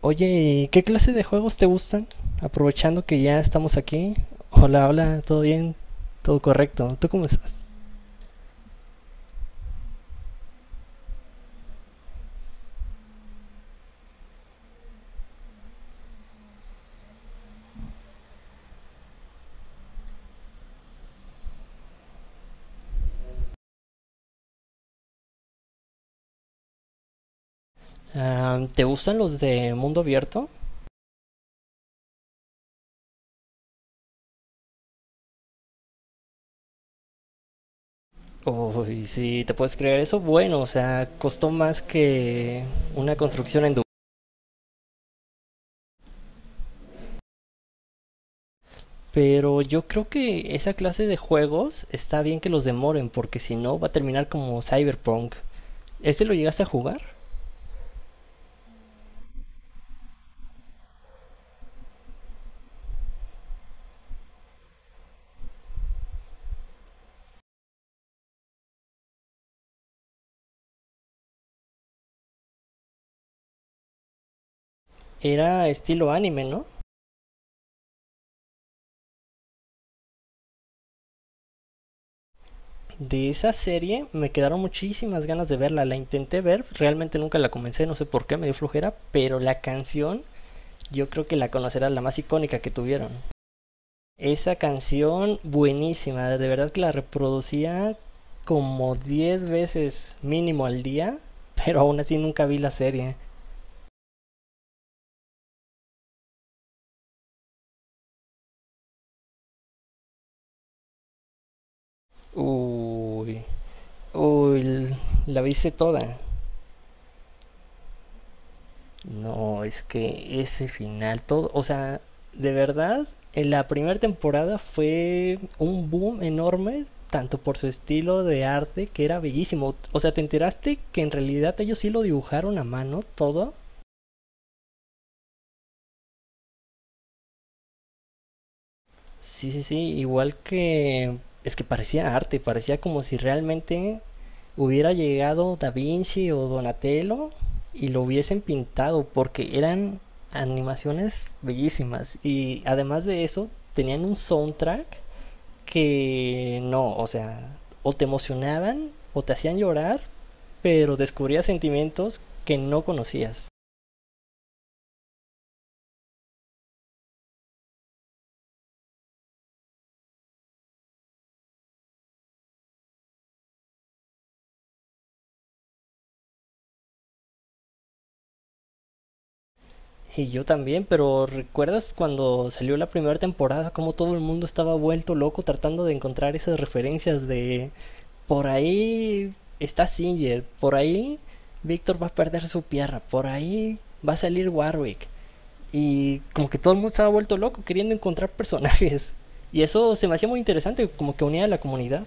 Oye, ¿y qué clase de juegos te gustan? Aprovechando que ya estamos aquí. Hola, hola, ¿todo bien? ¿Todo correcto? ¿Tú cómo estás? Ah, ¿te gustan los de mundo abierto? Uy, si te puedes creer eso, bueno, o sea, costó más que una construcción en Dubái. Pero yo creo que esa clase de juegos está bien que los demoren, porque si no va a terminar como Cyberpunk. ¿Ese lo llegaste a jugar? Era estilo anime, ¿no? De esa serie me quedaron muchísimas ganas de verla, la intenté ver, realmente nunca la comencé, no sé por qué, me dio flojera, pero la canción yo creo que la conocerás, la más icónica que tuvieron. Esa canción buenísima, de verdad que la reproducía como 10 veces mínimo al día, pero aún así nunca vi la serie. Uy, uy, la viste toda. No, es que ese final, todo, o sea, de verdad, en la primera temporada fue un boom enorme, tanto por su estilo de arte, que era bellísimo. O sea, ¿te enteraste que en realidad ellos sí lo dibujaron a mano todo? Sí, sí, sí, igual que... Es que parecía arte, parecía como si realmente hubiera llegado Da Vinci o Donatello y lo hubiesen pintado porque eran animaciones bellísimas y además de eso tenían un soundtrack que no, o sea, o te emocionaban o te hacían llorar, pero descubrías sentimientos que no conocías. Y yo también, pero ¿recuerdas cuando salió la primera temporada cómo todo el mundo estaba vuelto loco tratando de encontrar esas referencias de... Por ahí está Singer, por ahí Víctor va a perder su pierna, por ahí va a salir Warwick. Y como que todo el mundo se ha vuelto loco queriendo encontrar personajes. Y eso se me hacía muy interesante, como que unía a la comunidad.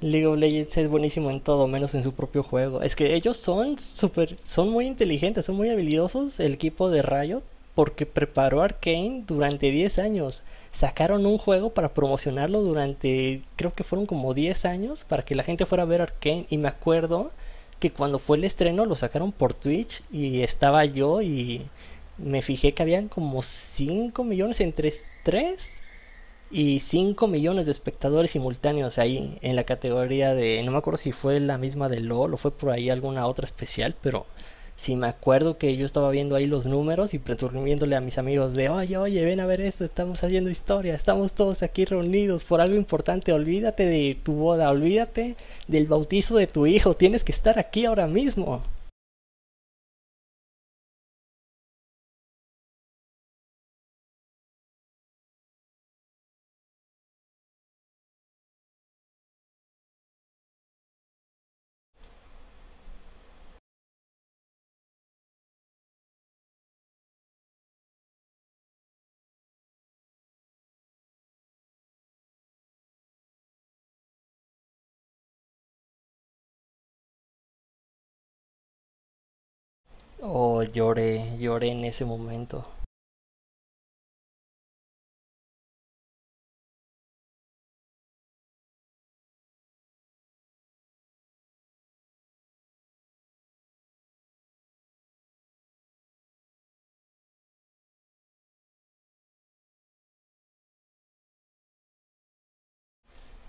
League of Legends es buenísimo en todo, menos en su propio juego. Es que ellos son súper, son muy inteligentes, son muy habilidosos el equipo de Riot porque preparó Arcane durante 10 años. Sacaron un juego para promocionarlo durante, creo que fueron como 10 años, para que la gente fuera a ver Arcane. Y me acuerdo que cuando fue el estreno lo sacaron por Twitch y estaba yo y me fijé que habían como 5 millones entre 3. Y 5 millones de espectadores simultáneos ahí en la categoría de, no me acuerdo si fue la misma de LOL o fue por ahí alguna otra especial, pero sí me acuerdo que yo estaba viendo ahí los números y preturbiéndole a mis amigos de, oye, oye, ven a ver esto, estamos haciendo historia, estamos todos aquí reunidos por algo importante, olvídate de tu boda, olvídate del bautizo de tu hijo, tienes que estar aquí ahora mismo. Oh, lloré, lloré en ese momento.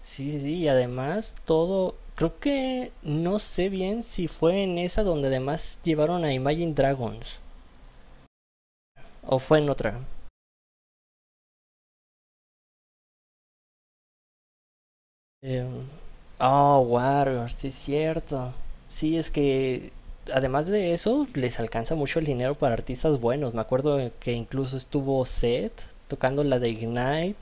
Sí, sí, sí, y además todo, creo que no sé bien si fue en esa donde además llevaron a Imagine Dragons o fue en otra. Eh, oh, Warriors, sí es cierto. Sí, es que además de eso les alcanza mucho el dinero para artistas buenos. Me acuerdo que incluso estuvo Seth tocando la de Ignite.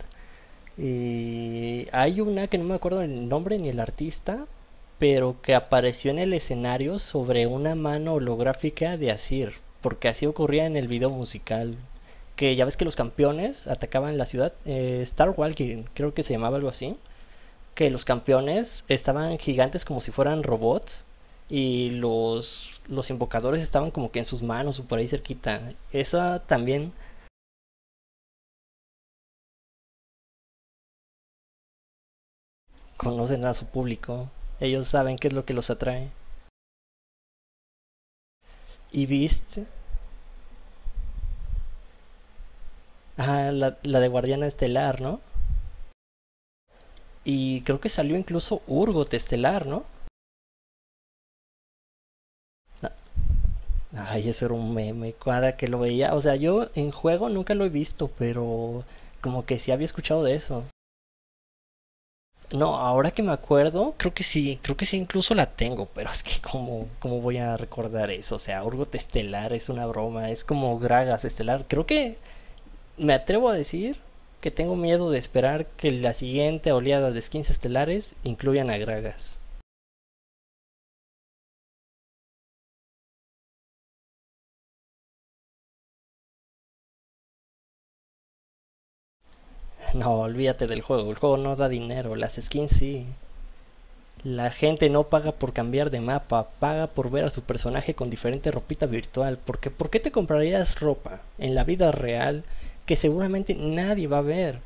Y hay una que no me acuerdo el nombre ni el artista, pero que apareció en el escenario sobre una mano holográfica de Asir, porque así ocurría en el video musical. Que ya ves que los campeones atacaban la ciudad, Star Walking, creo que se llamaba algo así. Que los campeones estaban gigantes como si fueran robots y los invocadores estaban como que en sus manos o por ahí cerquita. Esa también conocen a su público. Ellos saben qué es lo que los atrae. Y Beast, ah, la de Guardiana Estelar, ¿no? Y creo que salió incluso Urgot Estelar, ¿no? Ay, eso era un meme, cada que lo veía. O sea, yo en juego nunca lo he visto, pero como que sí había escuchado de eso. No, ahora que me acuerdo, creo que sí incluso la tengo, pero es que como, cómo voy a recordar eso, o sea, Urgot Estelar es una broma, es como Gragas Estelar, creo que... Me atrevo a decir que tengo miedo de esperar que la siguiente oleada de skins estelares incluyan a Gragas. No, olvídate del juego, el juego no da dinero, las skins sí. La gente no paga por cambiar de mapa, paga por ver a su personaje con diferente ropita virtual, porque ¿por qué te comprarías ropa en la vida real que seguramente nadie va a ver?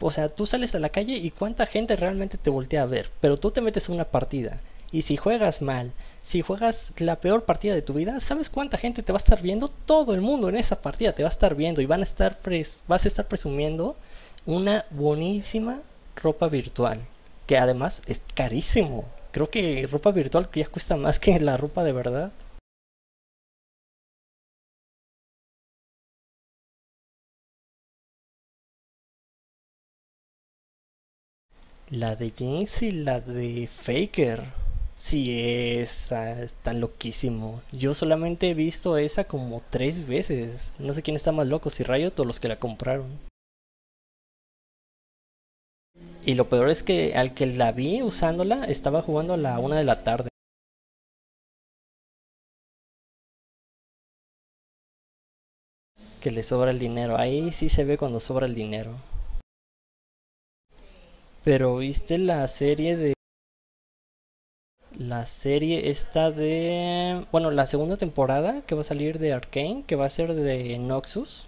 O sea, tú sales a la calle y cuánta gente realmente te voltea a ver, pero tú te metes a una partida. Y si juegas mal, si juegas la peor partida de tu vida, ¿sabes cuánta gente te va a estar viendo? Todo el mundo en esa partida te va a estar viendo y van a estar pres vas a estar presumiendo una buenísima ropa virtual, que además es carísimo. Creo que ropa virtual ya cuesta más que la ropa de verdad. La de James y la de Faker. Sí, esa está loquísimo. Yo solamente he visto esa como tres veces. No sé quién está más loco, si Riot o los que la compraron. Y lo peor es que al que la vi usándola estaba jugando a la 1 de la tarde. Que le sobra el dinero. Ahí sí se ve cuando sobra el dinero. Pero viste la serie de... La serie esta de... Bueno, la segunda temporada que va a salir de Arcane, que va a ser de Noxus.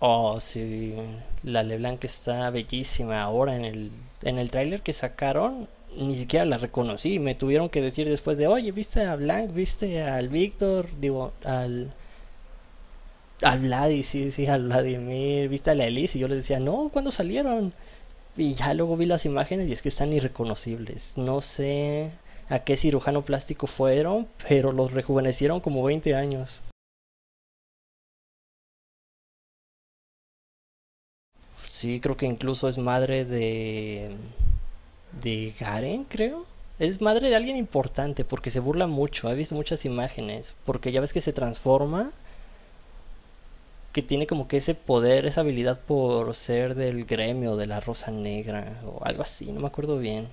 Oh, sí. La LeBlanc está bellísima ahora en el tráiler que sacaron. Ni siquiera la reconocí. Me tuvieron que decir después de, oye, ¿viste a Blanc? ¿Viste al Víctor? Digo, al, al Vladi, sí, sí, al Vladimir. ¿Viste a la Elise? Y yo les decía, no, ¿cuándo salieron? Y ya luego vi las imágenes y es que están irreconocibles. No sé a qué cirujano plástico fueron, pero los rejuvenecieron como 20 años. Sí, creo que incluso es madre de Garen, creo. Es madre de alguien importante porque se burla mucho. He visto muchas imágenes. Porque ya ves que se transforma, que tiene como que ese poder, esa habilidad por ser del gremio de la Rosa Negra o algo así, no me acuerdo bien.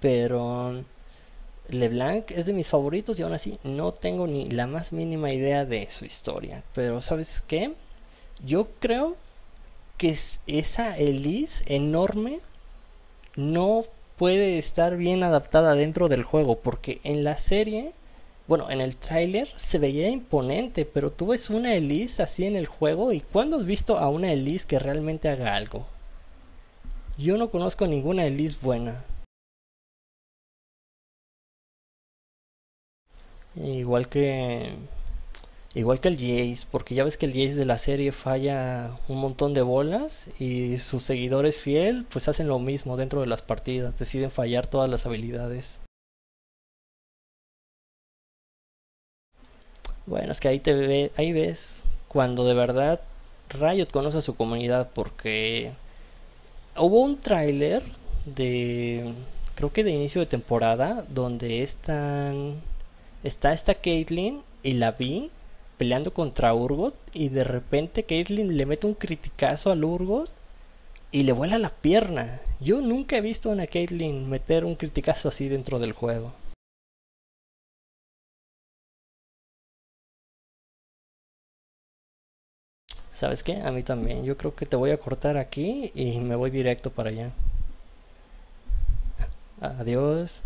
Pero LeBlanc es de mis favoritos y aún así no tengo ni la más mínima idea de su historia. Pero ¿sabes qué? Yo creo que esa Elise enorme no puede estar bien adaptada dentro del juego, porque en la serie, bueno, en el tráiler se veía imponente, pero tú ves una Elise así en el juego y ¿cuándo has visto a una Elise que realmente haga algo? Yo no conozco ninguna Elise buena, igual que el Jace, porque ya ves que el Jace de la serie falla un montón de bolas y sus seguidores fiel pues hacen lo mismo dentro de las partidas, deciden fallar todas las habilidades. Bueno, es que ahí te ve, ahí ves cuando de verdad Riot conoce a su comunidad porque hubo un tráiler de creo que de inicio de temporada donde están está esta Caitlyn y la vi peleando contra Urgot y de repente Caitlyn le mete un criticazo al Urgot y le vuela la pierna. Yo nunca he visto a una Caitlyn meter un criticazo así dentro del juego. ¿Sabes qué? A mí también. Yo creo que te voy a cortar aquí y me voy directo para allá. Adiós.